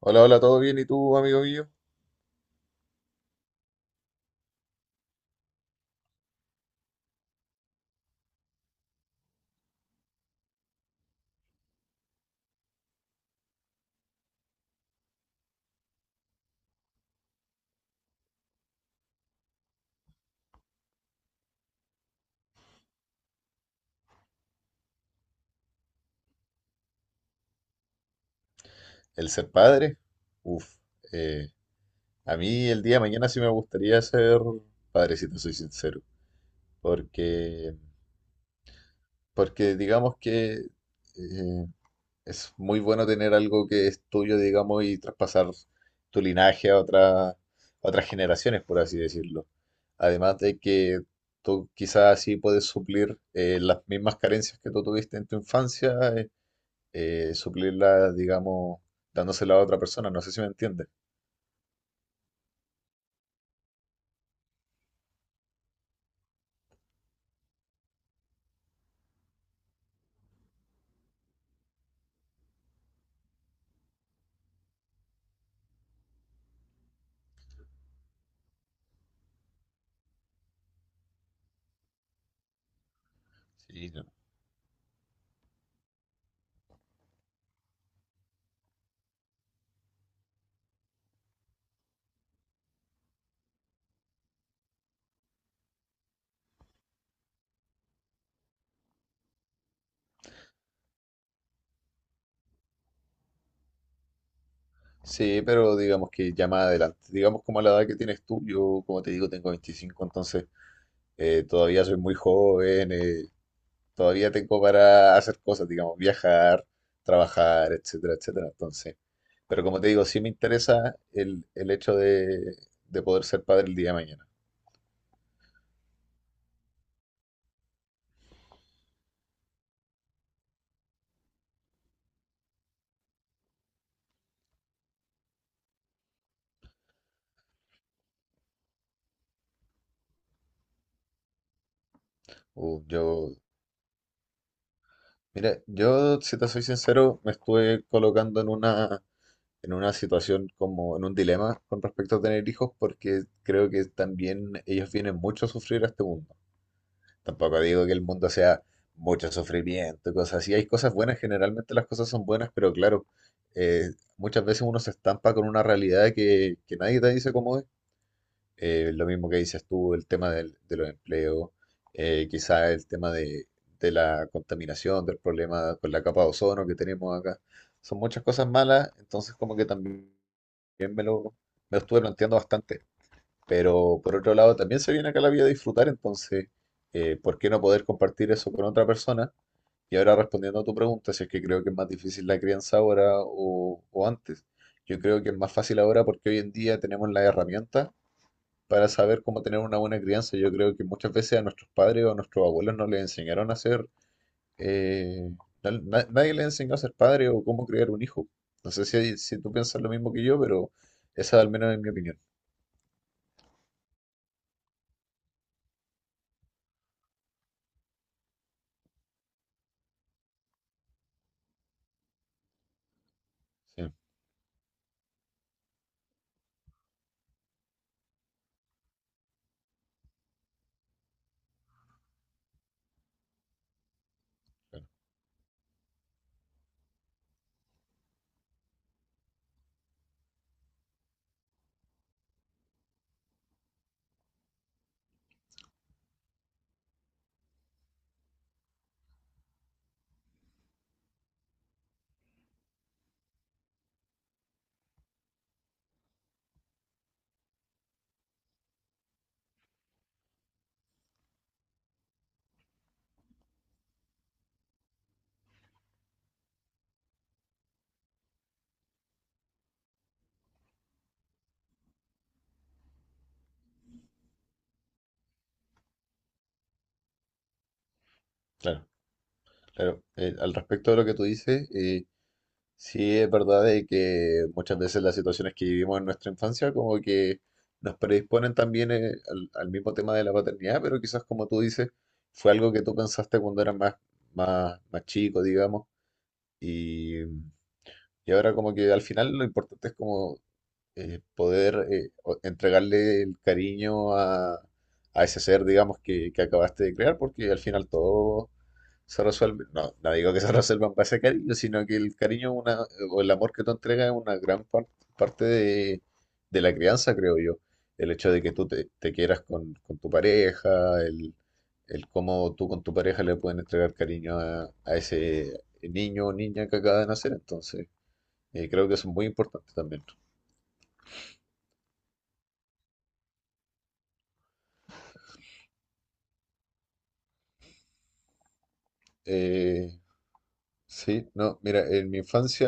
Hola, hola, ¿todo bien? ¿Y tú, amigo mío? ¿El ser padre? Uf, eh, a mí el día de mañana sí me gustaría ser padre, si te soy sincero, porque, porque digamos que eh, es muy bueno tener algo que es tuyo, digamos, y traspasar tu linaje a a otras generaciones, por así decirlo. Además de que tú quizás así puedes suplir las mismas carencias que tú tuviste en tu infancia eh, suplirla, digamos, dándosela a otra persona. ¿No sé si me entiendes? Sí, no. Sí, pero digamos que ya más adelante, digamos como a la edad que tienes tú, yo como te digo tengo 25. Entonces todavía soy muy joven, todavía tengo para hacer cosas, digamos, viajar, trabajar, etcétera, etcétera. Entonces, pero como te digo, sí me interesa el hecho de poder ser padre el día de mañana. Yo, mira, yo si te soy sincero, me estuve colocando en una situación como en un dilema con respecto a tener hijos, porque creo que también ellos vienen mucho a sufrir a este mundo. Tampoco digo que el mundo sea mucho sufrimiento, cosas así. Hay cosas buenas, generalmente las cosas son buenas, pero claro, eh, muchas veces uno se estampa con una realidad que nadie te dice cómo es, lo mismo que dices tú, el tema de los empleos, quizá el tema de la contaminación, del problema con la capa de ozono que tenemos acá. Son muchas cosas malas, entonces como que también me lo, me lo estuve planteando bastante. Pero por otro lado, también se viene acá la vida a disfrutar, entonces, ¿por qué no poder compartir eso con otra persona? Y ahora respondiendo a tu pregunta, si es que creo que es más difícil la crianza ahora o antes. Yo creo que es más fácil ahora porque hoy en día tenemos la herramienta para saber cómo tener una buena crianza. Yo creo que muchas veces a nuestros padres o a nuestros abuelos no les enseñaron a ser, eh, nadie les enseñó a ser padre o cómo criar un hijo. No sé si, si tú piensas lo mismo que yo, pero esa al menos es mi opinión. Sí, claro, claro. Claro. Al respecto de lo que tú dices, sí, es verdad de que muchas veces las situaciones que vivimos en nuestra infancia como que nos predisponen también, al, al mismo tema de la paternidad, pero quizás como tú dices, fue algo que tú pensaste cuando eras más, más, más chico, digamos, y, y ahora como que al final lo importante es como poder entregarle el cariño a ese ser, digamos, que acabaste de crear, porque al final todos se resuelve, no, no digo que se resuelvan para ese cariño, sino que el cariño es una, o el amor que tú entregas es una gran parte de la crianza, creo yo. El hecho de que tú te quieras con tu pareja, el cómo tú con tu pareja le pueden entregar cariño a ese niño o niña que acaba de nacer, entonces creo que eso es muy importante también. Eh, Sí, no, mira, en mi infancia,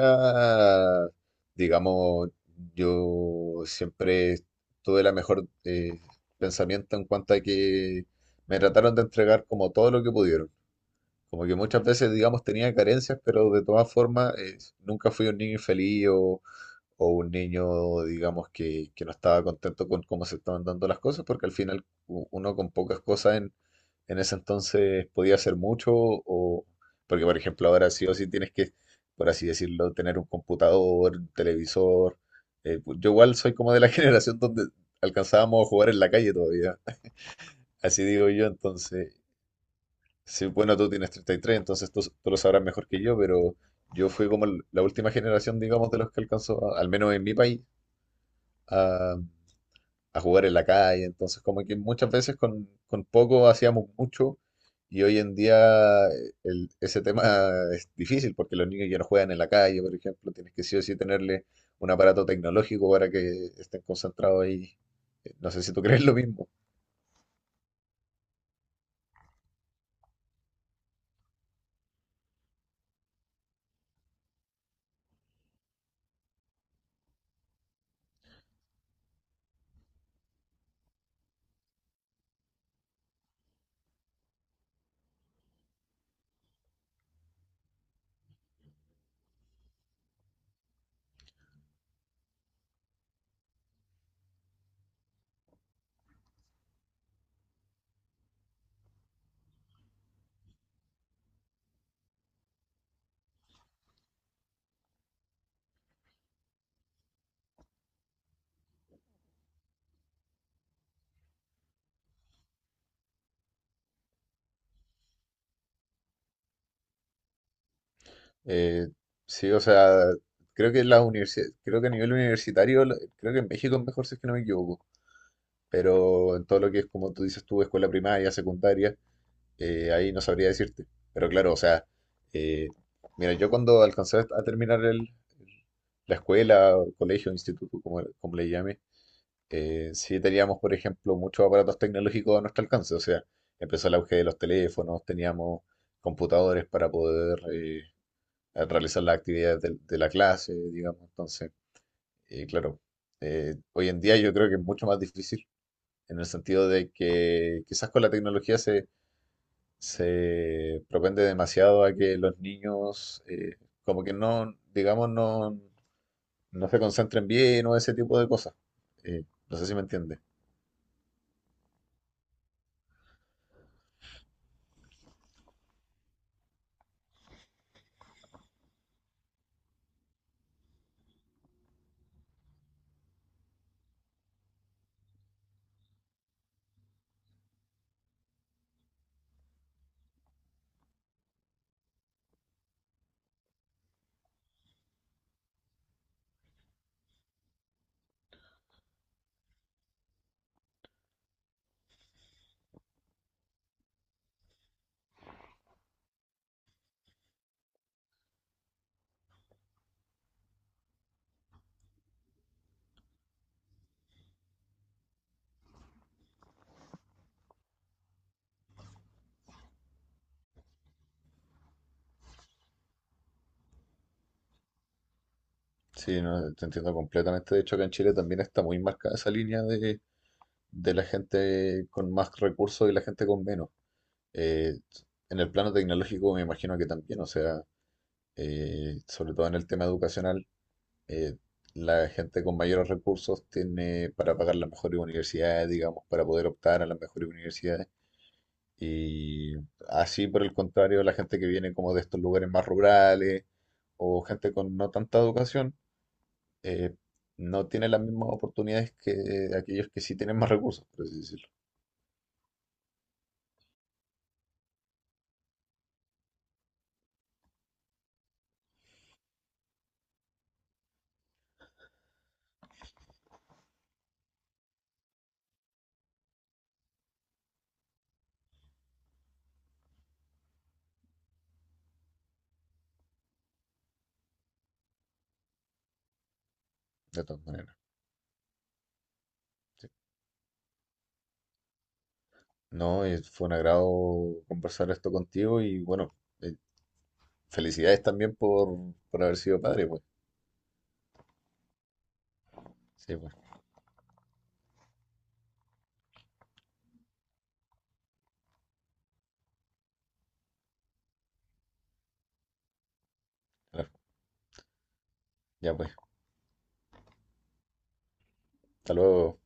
digamos, yo siempre tuve la mejor, pensamiento en cuanto a que me trataron de entregar como todo lo que pudieron. Como que muchas veces, digamos, tenía carencias, pero de todas formas, nunca fui un niño infeliz o un niño, digamos, que no estaba contento con cómo se estaban dando las cosas, porque al final uno con pocas cosas en ese entonces podía hacer mucho, o porque, por ejemplo, ahora sí o sí tienes por así decirlo, tener un computador, un televisor. Yo igual soy como de la generación donde alcanzábamos a jugar en la calle todavía, así digo yo, entonces, sí, bueno, tú tienes 33, entonces tú lo sabrás mejor que yo, pero... Yo fui como la última generación, digamos, de los que alcanzó, al menos en mi país, a, a jugar en la calle. Entonces, como que muchas veces con poco hacíamos mucho y hoy en día, ese tema es difícil porque los niños ya no juegan en la calle, por ejemplo, tienes que sí o sí tenerle un aparato tecnológico para que estén concentrados ahí. No sé si tú crees lo mismo. Eh, sí, o sea, creo que las universidades, creo que a nivel universitario, creo que en México es mejor si es que no me equivoco, pero en todo lo que es, como tú dices tú, escuela primaria, secundaria, ahí no sabría decirte. Pero claro, o sea, eh, mira, yo cuando alcancé a terminar la escuela, o colegio, instituto, como, como le llame, sí teníamos, por ejemplo, muchos aparatos tecnológicos a nuestro alcance. O sea, empezó el auge de los teléfonos, teníamos computadores para poder realizar las actividades la clase, digamos. Entonces, claro, hoy en día yo creo que es mucho más difícil en el sentido de que quizás con la tecnología se propende demasiado a que los niños, como que no, digamos, no, no se concentren bien o ese tipo de cosas. No sé si me entiende. Sí, no, te entiendo completamente. De hecho, acá en Chile también está muy marcada esa línea de la gente con más recursos y la gente con menos. Eh, en el plano tecnológico me imagino que también, o sea, sobre todo en el tema educacional, eh, la gente con mayores recursos tiene para pagar las mejores universidades, digamos, para poder optar a las mejores universidades. Y así, por el contrario, la gente que viene como de estos lugares más rurales o gente con no tanta educación, eh, no tiene las mismas oportunidades que aquellos que sí tienen más recursos, por así decirlo, de todas maneras. No, y fue un agrado conversar esto contigo y bueno, eh, felicidades también por haber sido padre, pues. Sí, pues, claro. Ya pues, hasta luego.